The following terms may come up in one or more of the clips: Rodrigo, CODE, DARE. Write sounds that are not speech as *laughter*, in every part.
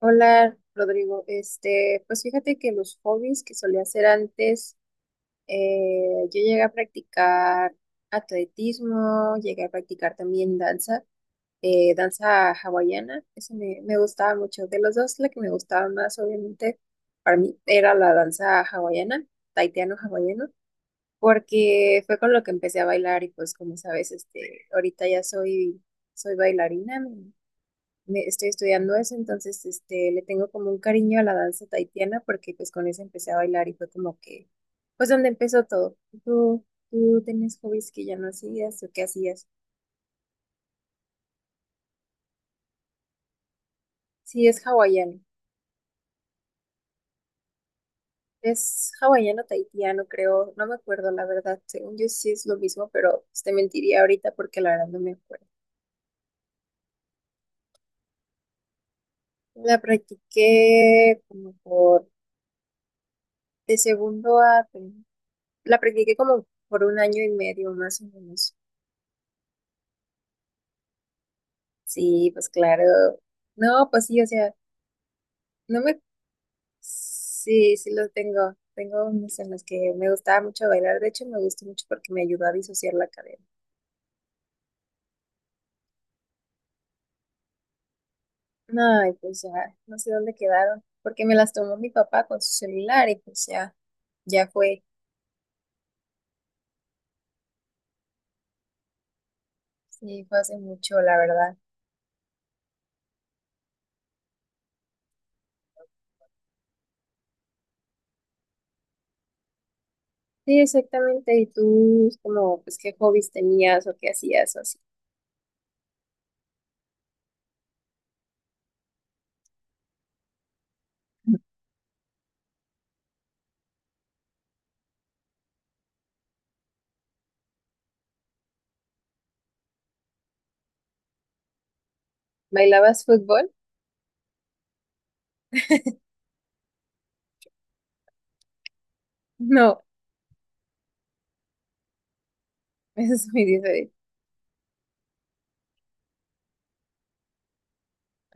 Hola, Rodrigo. Este, pues fíjate que los hobbies que solía hacer antes, yo llegué a practicar atletismo, llegué a practicar también danza, danza hawaiana, eso me gustaba mucho. De los dos, la que me gustaba más, obviamente, para mí era la danza hawaiana, taitiano-hawaiano, porque fue con lo que empecé a bailar y pues como sabes, este, ahorita ya soy bailarina, estoy estudiando eso, entonces este, le tengo como un cariño a la danza tahitiana porque pues con eso empecé a bailar y fue como que, pues donde empezó todo. ¿Tú, tú tenías hobbies que ya no hacías o qué hacías? Sí, es hawaiano. Es hawaiano tahitiano, creo. No me acuerdo, la verdad. Según yo sí es lo mismo, pero pues, te mentiría ahorita porque la verdad no me acuerdo. La practiqué como por de segundo a... La practiqué como por un año y medio más o menos. Sí, pues claro. No, pues sí, o sea, no me... Sí, sí los tengo. Tengo unos en los que me gustaba mucho bailar. De hecho, me gustó mucho porque me ayudó a disociar la cadena. Ay, pues ya, no sé dónde quedaron. Porque me las tomó mi papá con su celular y pues ya, ya fue. Sí, fue hace mucho, la verdad. Sí, exactamente. ¿Y tú, como, pues qué hobbies tenías o qué hacías o así? ¿Bailabas fútbol? *laughs* No, eso es muy diferente.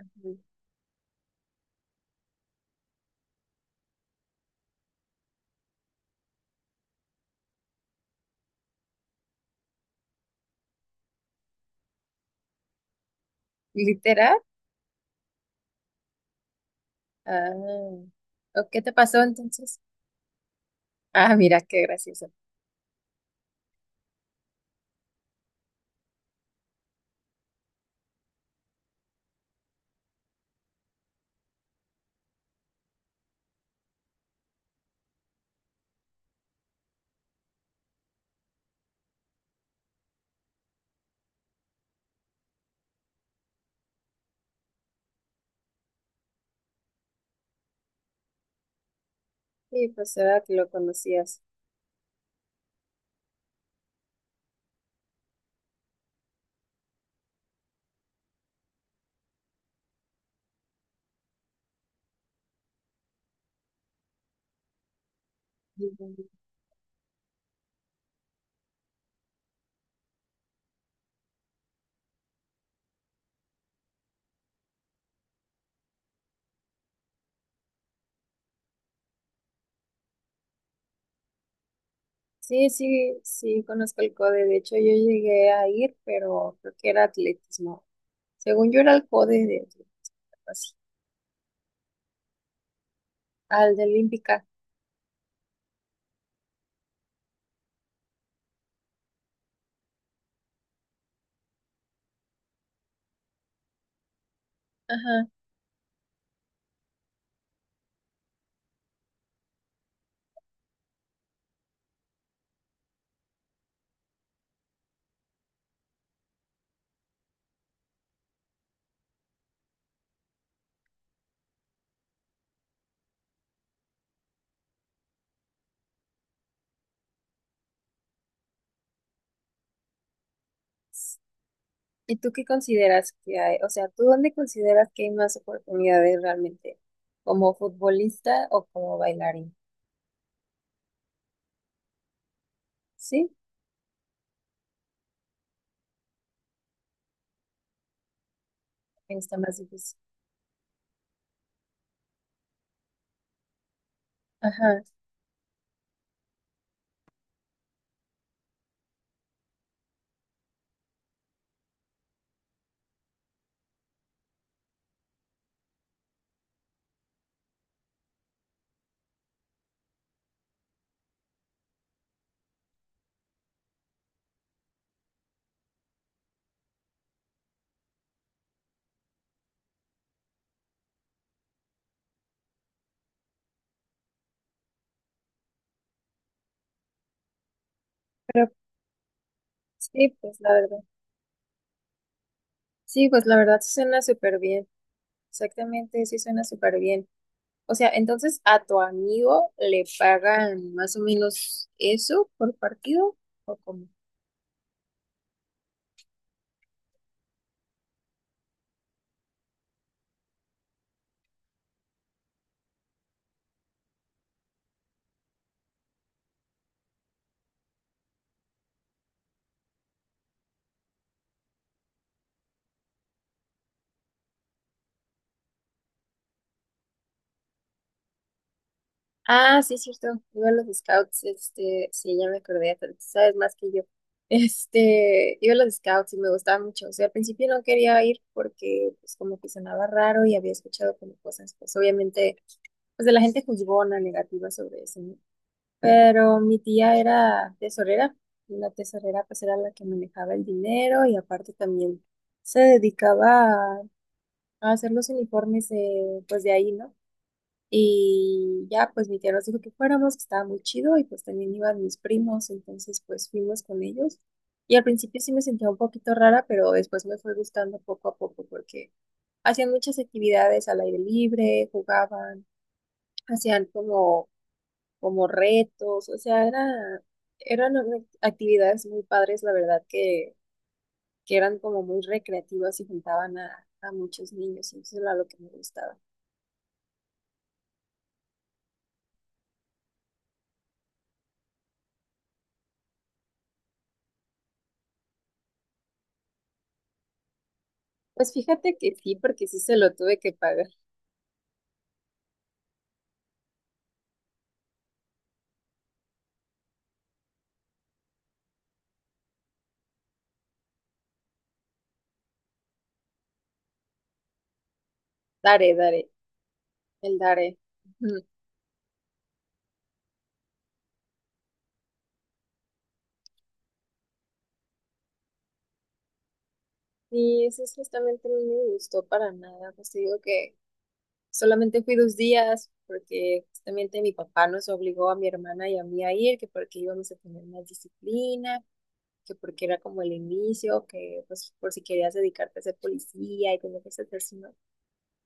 Ujú. Literal. Ah, ¿o ¿qué te pasó entonces? Ah, mira, qué gracioso. Sí, pues era que lo conocías. Ujú. Sí, sí, sí, conozco el CODE. De hecho, yo llegué a ir, pero creo que era atletismo. Según yo era el CODE de atletismo, así, al de Olímpica. Ajá. ¿Y tú qué consideras que hay? O sea, ¿tú dónde consideras que hay más oportunidades realmente? ¿Como futbolista o como bailarín? Sí, está más difícil. Ajá. Pero sí, pues la verdad. Sí, pues la verdad sí suena súper bien. Exactamente, sí suena súper bien. O sea, entonces a tu amigo le pagan más o menos eso por partido ¿o cómo? Ah, sí, es cierto. Iba a los scouts, este, sí, ya me acordé, hasta tú sabes más que yo. *laughs* Este, iba a los scouts y me gustaba mucho. O sea, al principio no quería ir porque pues como que sonaba raro y había escuchado como cosas, pues obviamente, pues de la gente juzgona, negativa sobre eso, ¿no? Pero mi tía era tesorera, y la tesorera pues era la que manejaba el dinero y aparte también se dedicaba a hacer los uniformes de, pues de ahí, ¿no? Y ya pues mi tía nos dijo que fuéramos, que estaba muy chido y pues también iban mis primos, entonces pues fuimos con ellos. Y al principio sí me sentía un poquito rara, pero después me fue gustando poco a poco porque hacían muchas actividades al aire libre, jugaban, hacían como retos, o sea, era, eran actividades muy padres, la verdad, que eran como muy recreativas y juntaban a muchos niños, y eso era lo que me gustaba. Pues fíjate que sí, porque sí se lo tuve que pagar. Daré, daré, el daré. Ujú. Y eso es justamente no me gustó para nada, pues te digo que solamente fui dos días, porque justamente mi papá nos obligó a mi hermana y a mí a ir, que porque íbamos a tener más disciplina, que porque era como el inicio, que pues por si querías dedicarte a ser policía y tenías que ser sino-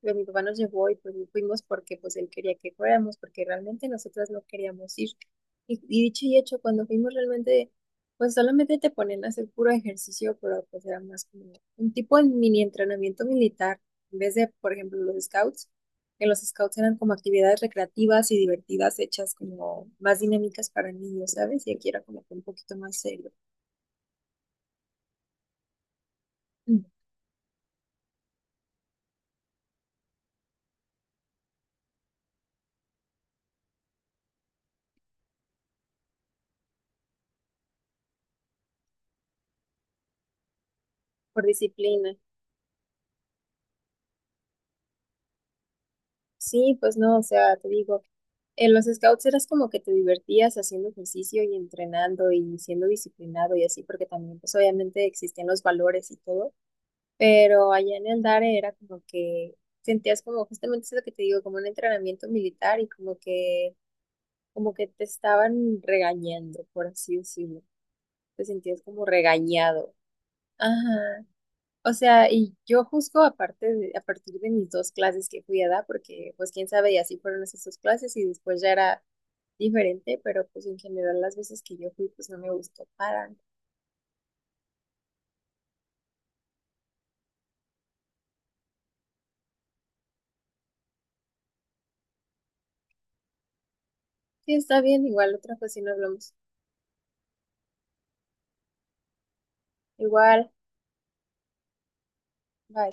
Pero mi papá nos llevó y pues fuimos porque pues él quería que fuéramos, porque realmente nosotras no queríamos ir. Y dicho y hecho, cuando fuimos realmente, pues solamente te ponen a hacer puro ejercicio, pero pues era más como un tipo de mini entrenamiento militar, en vez de, por ejemplo, los scouts, que los scouts eran como actividades recreativas y divertidas hechas como más dinámicas para niños, ¿sabes? Y aquí era como que un poquito más serio. Mm. Por disciplina. Sí, pues no, o sea, te digo, en los scouts eras como que te divertías haciendo ejercicio y entrenando y siendo disciplinado y así, porque también pues obviamente existían los valores y todo, pero allá en el DARE era como que sentías como justamente eso que te digo, como un entrenamiento militar y como que te estaban regañando, por así decirlo, te sentías como regañado. Ajá. O sea, y yo juzgo aparte a partir de mis dos clases que fui a dar, porque pues quién sabe, y así fueron esas dos clases y después ya era diferente, pero pues en general las veces que yo fui pues no me gustó para nada. Sí, está bien, igual otra ocasión hablamos. Igual, bye.